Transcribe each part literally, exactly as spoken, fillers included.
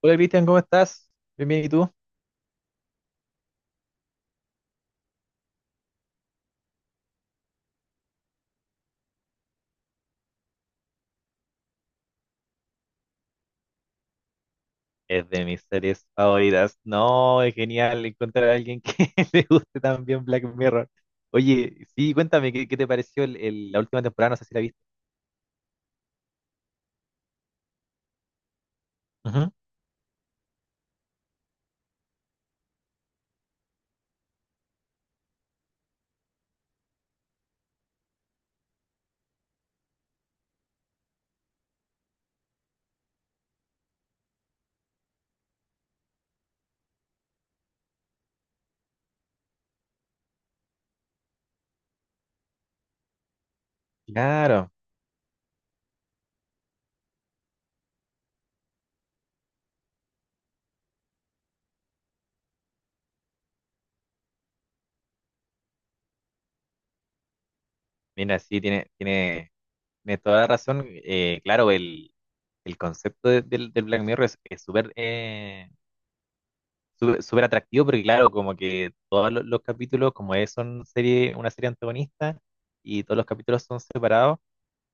Hola Cristian, ¿cómo estás? Bien, bien, ¿y tú? Es de mis series favoritas. No, es genial encontrar a alguien que le guste también Black Mirror. Oye, sí, cuéntame, ¿qué, qué te pareció el- el- la última temporada? No sé si la viste. Ujú. Claro, mira, sí, tiene, tiene, tiene toda la razón. Eh, claro, el, el concepto de- del, del Black Mirror es es súper eh, súper súper atractivo, porque claro, como que todos los, los capítulos, como es son serie, una serie antagonista, y todos los capítulos son separados.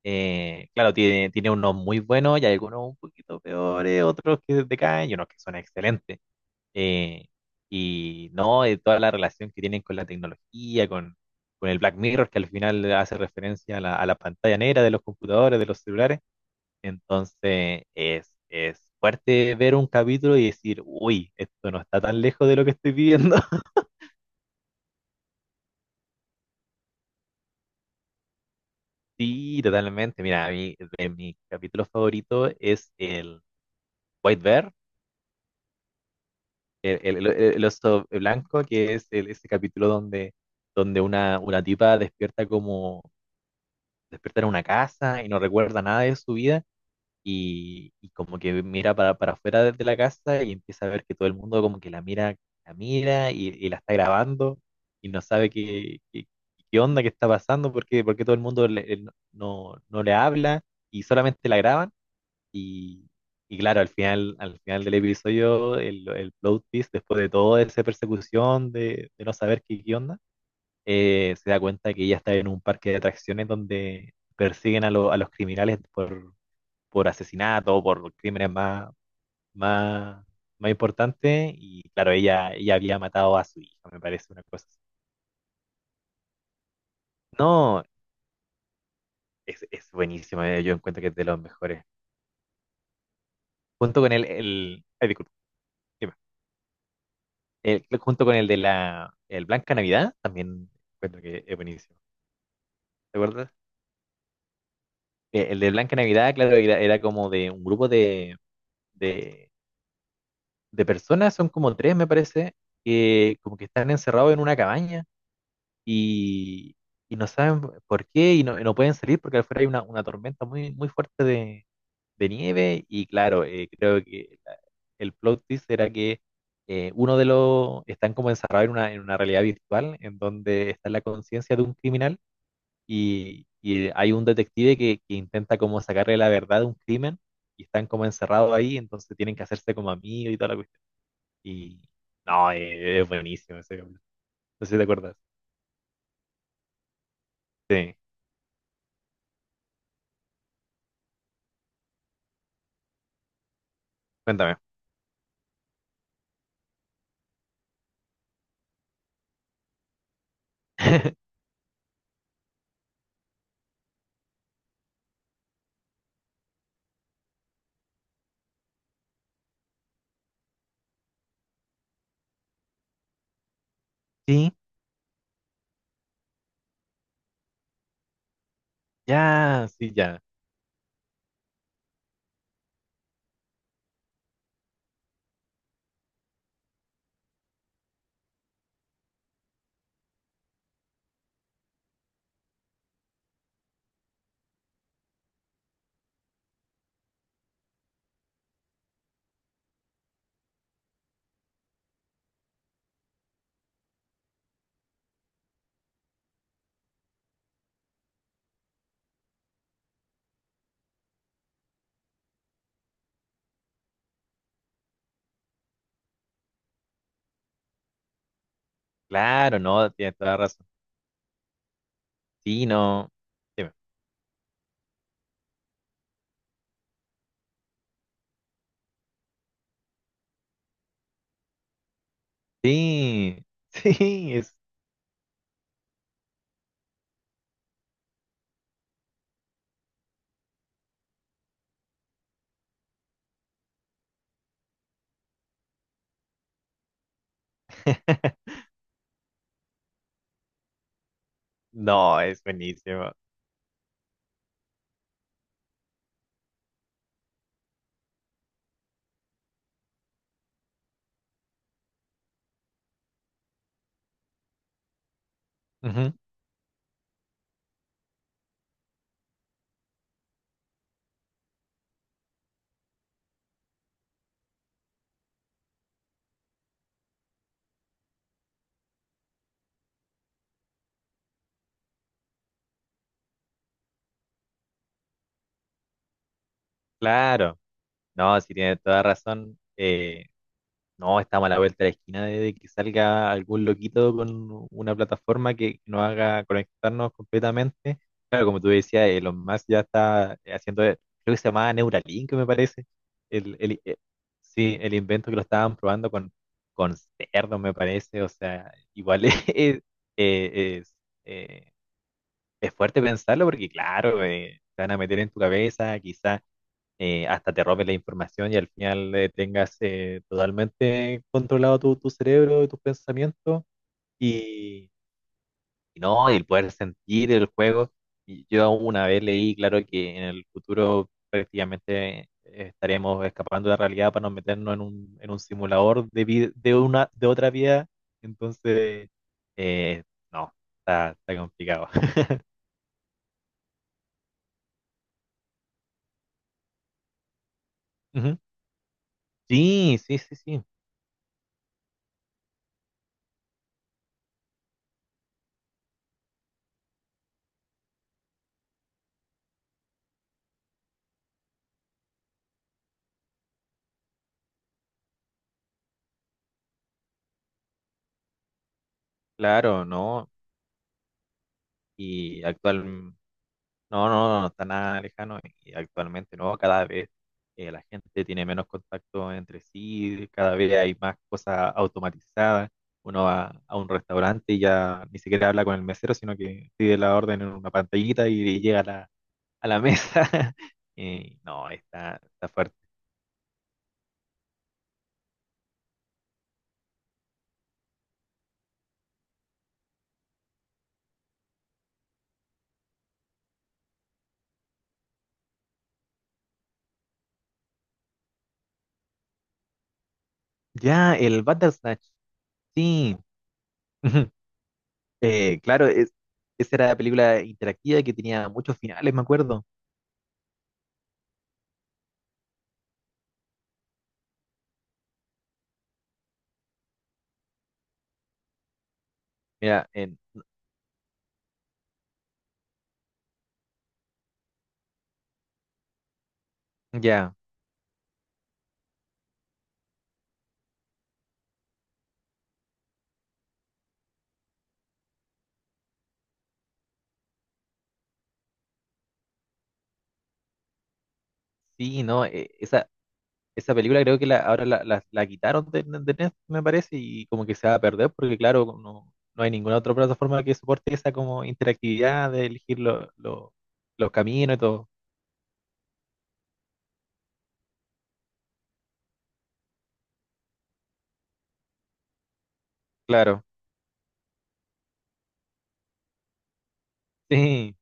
Eh, claro, tiene, tiene unos muy buenos y hay algunos un poquito peores, otros que decaen y unos que son excelentes. Eh, y no, eh, Toda la relación que tienen con la tecnología, con, con el Black Mirror, que al final hace referencia a la, a la pantalla negra de los computadores, de los celulares. Entonces es, es fuerte ver un capítulo y decir, uy, esto no está tan lejos de lo que estoy viviendo. Sí, totalmente. Mira, a mí, de mi capítulo favorito es el White Bear, el, el- el oso blanco, que es el- ese capítulo donde, donde una, una tipa despierta como, despierta en una casa y no recuerda nada de su vida y, y como que mira para, para afuera de de la casa y empieza a ver que todo el mundo como que la mira, la mira y, y la está grabando y no sabe qué, qué, qué onda, qué está pasando, porque, porque todo el mundo le- no, no le habla y solamente la graban. Y, y claro, al final, al final del episodio, el, el plot twist, después de toda esa persecución de, de no saber qué, qué onda, eh, se da cuenta que ella está en un parque de atracciones donde persiguen a, lo- a los criminales por, por asesinato, por crímenes más, más, más importantes. Y claro, ella, ella había matado a su hija, me parece una cosa así. No, es, es buenísimo, eh, yo encuentro que es de los mejores. Junto con el... el... ay, disculpa, dime. El- junto con el de la el Blanca Navidad, también encuentro que es buenísimo. ¿Te acuerdas? Eh, El de Blanca Navidad, claro, era, era como de un grupo de, de, de personas, son como tres, me parece, que como que están encerrados en una cabaña y, y no saben por qué y no, y no pueden salir porque afuera hay una, una tormenta muy, muy fuerte de, de nieve y claro, eh, creo que la- el plot twist era que eh, uno de los están como encerrados en una, en una realidad virtual en donde está la conciencia de un criminal y, y hay un detective que, que intenta como sacarle la verdad de un crimen y están como encerrados ahí, entonces tienen que hacerse como amigos y toda la cuestión. Y no, eh, es buenísimo ese capítulo. No sé si te acuerdas. Sí, cuéntame. Sí, ya, sí, ya. Claro, no, tienes toda la razón. Sí, no. Dime. Sí, sí, es... No, es buenísimo. Ujú. Claro, no, sí tiene toda razón. Eh, no, estamos a la vuelta de la esquina de, de que salga algún loquito con una plataforma que nos haga conectarnos completamente. Claro, como tú decías, Elon Musk ya está haciendo, eh, creo que se llamaba Neuralink, me parece. El, el- eh, sí, el invento que lo estaban probando con, con cerdos, me parece. O sea, igual es, eh, es, eh, es fuerte pensarlo porque, claro, eh, te van a meter en tu cabeza, quizás hasta te roben la información y al final eh, tengas eh, totalmente controlado tu, tu cerebro y tus pensamientos. Y, y no, y el poder sentir el juego. Y yo una vez leí, claro, que en el futuro prácticamente estaremos escapando de la realidad para no meternos en un, en un simulador de, vi- de, una, de otra vida. Entonces, eh, no, está, está complicado. Ujú. Sí, sí, sí, sí. Claro, ¿no? Y actual, no, no, no está nada lejano. Y actualmente, ¿no? Cada vez eh, la gente tiene menos contacto entre sí, cada vez hay más cosas automatizadas. Uno va a un restaurante y ya ni siquiera habla con el mesero, sino que pide la orden en una pantallita y llega a la, a la mesa. Y no, está, está fuerte. Ya, el Bandersnatch, sí. Eh, claro, es- esa era la película interactiva que tenía muchos finales, me acuerdo. Mira, en, ya, sí, no, e- esa, esa película creo que la, ahora la, la, la quitaron de, de Netflix, me parece, y como que se va a perder, porque claro, no, no hay ninguna otra plataforma que soporte esa como interactividad de elegir lo- lo- los caminos y todo. Claro, sí.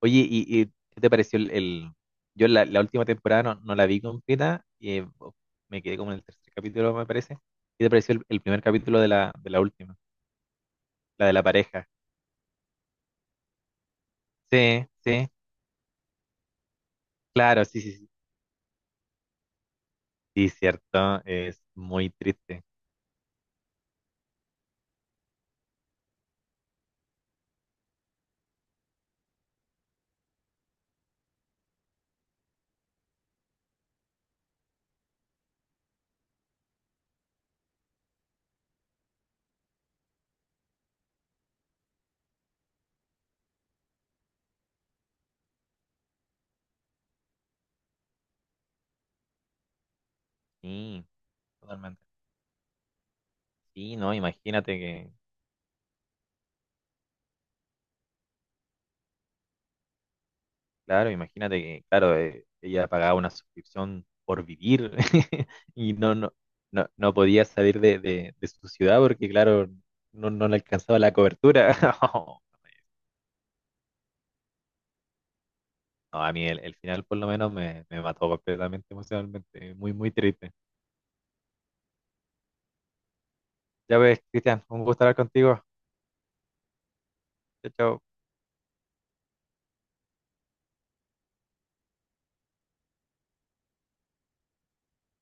Oye, ¿y, y qué te pareció el, el- yo la, la última temporada no, no la vi completa, y eh, me quedé como en el tercer capítulo, me parece. ¿Qué te pareció el, el primer capítulo de la, de la última? La de la pareja. Sí, sí, claro, sí, sí, sí. Sí, cierto, es muy triste. Sí, totalmente. Sí, no, imagínate que, claro, imagínate que, claro, eh, ella pagaba una suscripción por vivir. Y no, no, no, no podía salir de, de, de su ciudad porque, claro, no, no le alcanzaba la cobertura. No, a mí el, el final por lo menos me, me mató completamente emocionalmente. Muy, muy triste. Ya ves, Cristian, un gusto hablar contigo. Chao, chao.